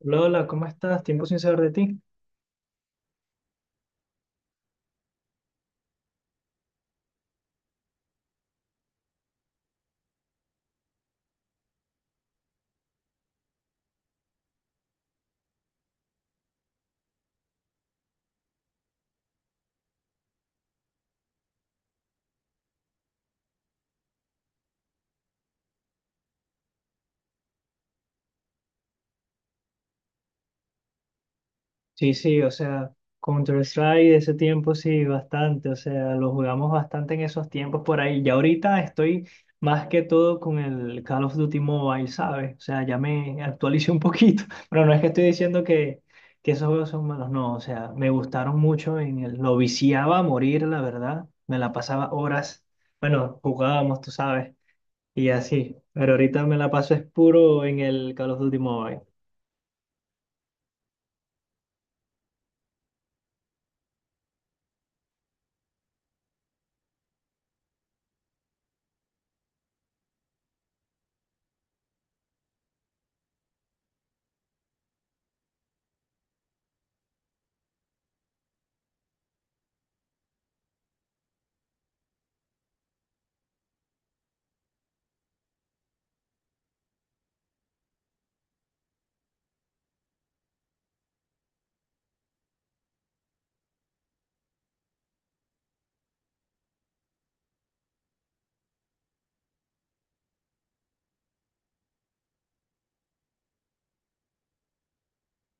Lola, ¿cómo estás? Tiempo sin saber de ti. Sí, sí, o sea, Counter-Strike de ese tiempo sí, bastante, o sea, lo jugamos bastante en esos tiempos por ahí. Y ahorita estoy más que todo con el Call of Duty Mobile, ¿sabes? O sea, ya me actualicé un poquito, pero no es que estoy diciendo que esos juegos son malos, no, o sea, me gustaron mucho, lo viciaba a morir, la verdad, me la pasaba horas, bueno, jugábamos, tú sabes, y así, pero ahorita me la paso es puro en el Call of Duty Mobile.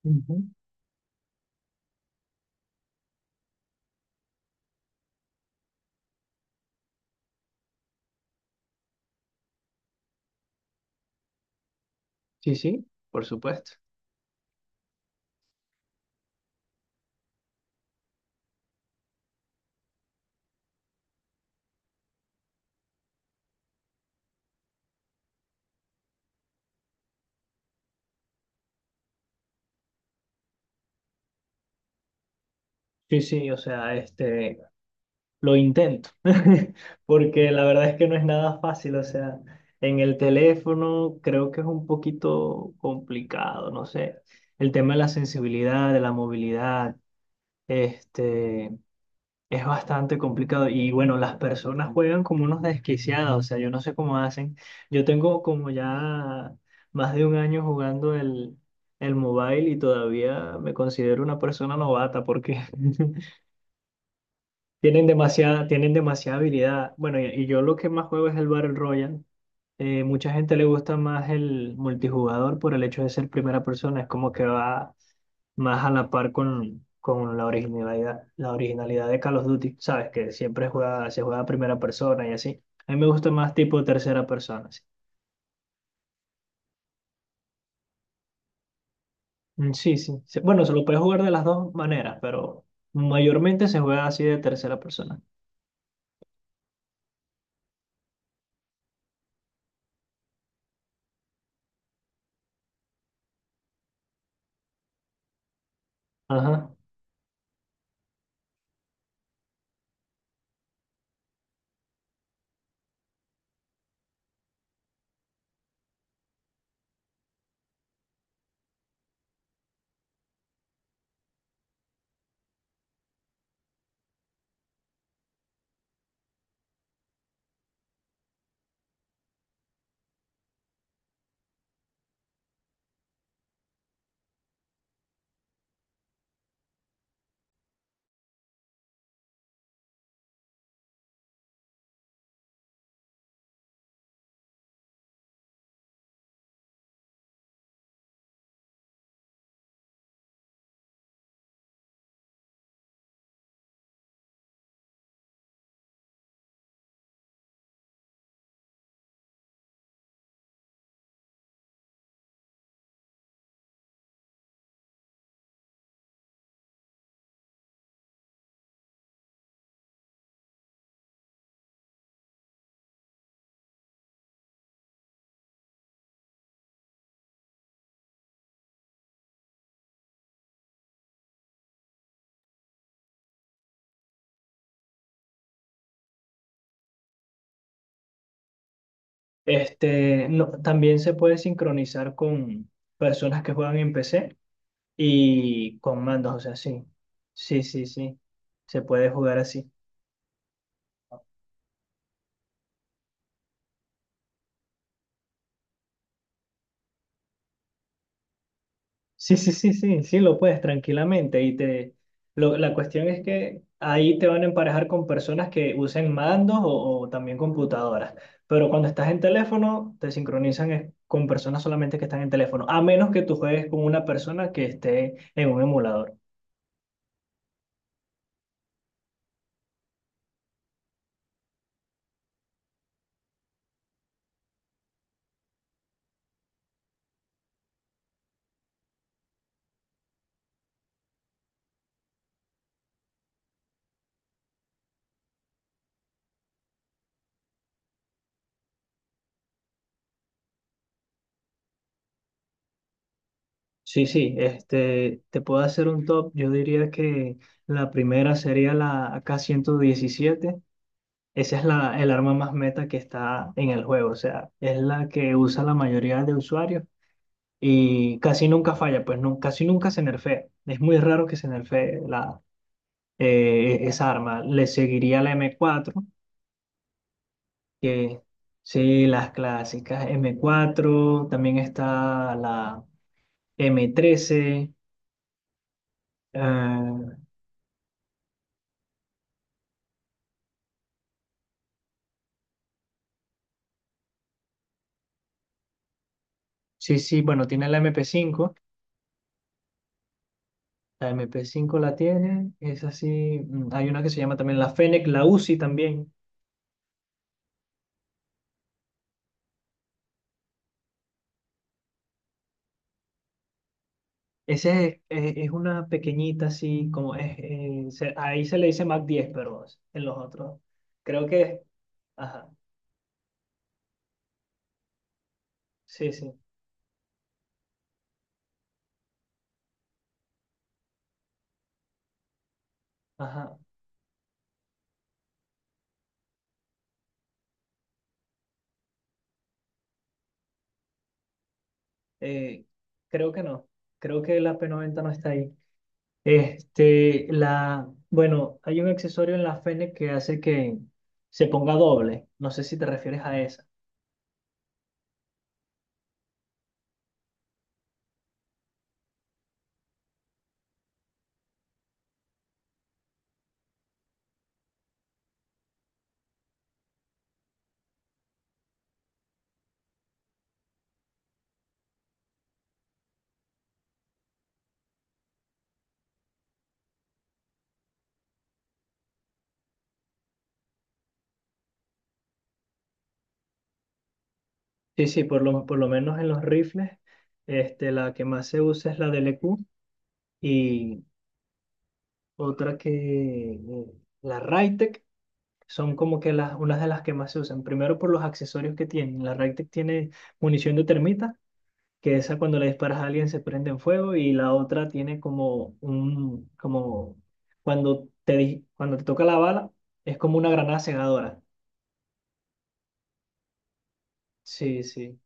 Ujú. Sí, sí, por supuesto. Sí, sí, o sea, lo intento, porque la verdad es que no es nada fácil, o sea, en el teléfono creo que es un poquito complicado, no sé, el tema de la sensibilidad, de la movilidad, este, es bastante complicado y bueno, las personas juegan como unos desquiciados, o sea, yo no sé cómo hacen. Yo tengo como ya más de un año jugando el mobile y todavía me considero una persona novata porque tienen demasiada habilidad. Bueno, y yo lo que más juego es el Battle Royale. Mucha gente le gusta más el multijugador por el hecho de ser primera persona, es como que va más a la par con la originalidad de Call of Duty, ¿sabes? Que siempre juega, se juega a primera persona y así. A mí me gusta más tipo tercera persona, sí. Mm, sí, sí, sí. Bueno, se lo puede jugar de las dos maneras, pero mayormente se juega así de tercera persona. Ajá. Este, no, también se puede sincronizar con personas que juegan en PC y con mandos, o sea, sí. Sí, sí, sí. Se puede jugar así. Sí, sí, sí, sí, sí, lo puedes tranquilamente y te lo- la cuestión es que ahí te van a emparejar con personas que usen mandos o también computadoras, pero cuando estás en teléfono te sincronizan es con personas solamente que están en teléfono, a menos que tú juegues con una persona que esté en un emulador. Sí, sí, te puedo hacer un top, yo diría que la primera sería la AK-117. Esa es la, el arma más meta que está en el juego, o sea, es la que usa la mayoría de usuarios y casi nunca falla, pues no, casi nunca se nerfea. Es muy raro que se nerfee la, esa arma. Le seguiría la M4, que sí, las clásicas M4. También está la M13. Eh, sí, sí, bueno, tiene la MP5. La mp cinco la tiene, es así. Hay una que se llama también la Fennec, la Uzi también. Ese es una pequeñita así, como es, se- ahí se le dice Mac-10, pero en los otros. Creo que, ajá, sí, sí, ajá. eh, creo que no, creo que la P90 no está ahí. Este, la, bueno, hay un accesorio en la Fene que hace que se ponga doble. No sé si te refieres a esa. Sí, sí, por lo menos en los rifles, la que más se usa es la DLQ, y otra que, la Raytec. Son como que las, unas de las que más se usan. Primero por los accesorios que tienen. La Ragtec tiene munición de termita, que esa cuando le disparas a alguien se prende en fuego, y la otra tiene como un, como cuando te, di- cuando te toca la bala, es como una granada cegadora. Sí, sí.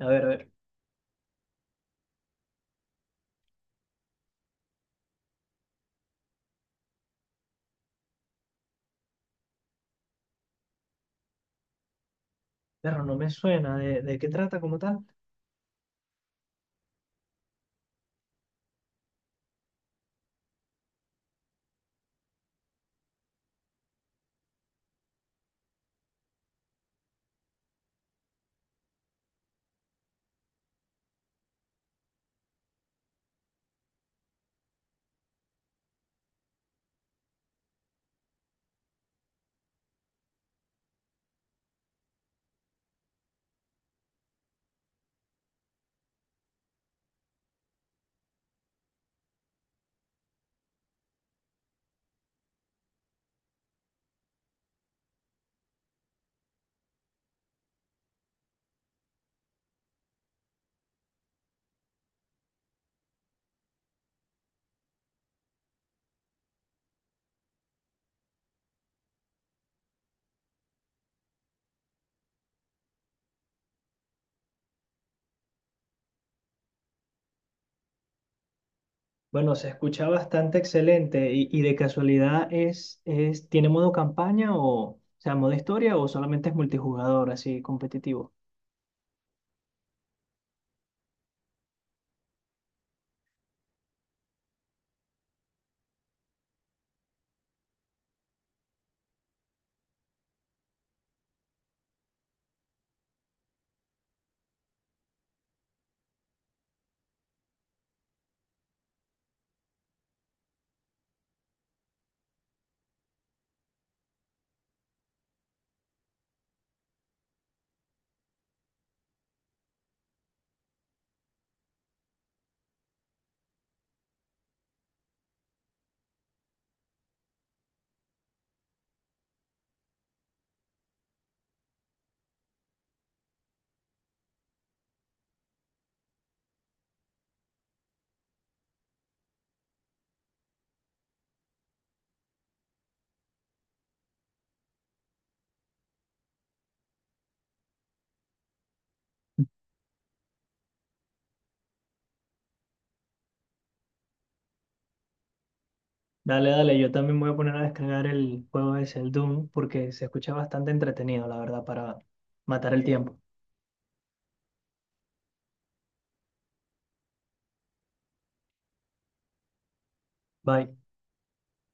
A ver, a ver. Pero no me suena. De qué trata como tal? Bueno, se escucha bastante excelente y de casualidad es, ¿tiene modo campaña o sea, modo historia o solamente es multijugador así competitivo? Dale, dale, yo también me voy a poner a descargar el juego ese, el Doom, porque se escucha bastante entretenido, la verdad, para matar el tiempo. Bye.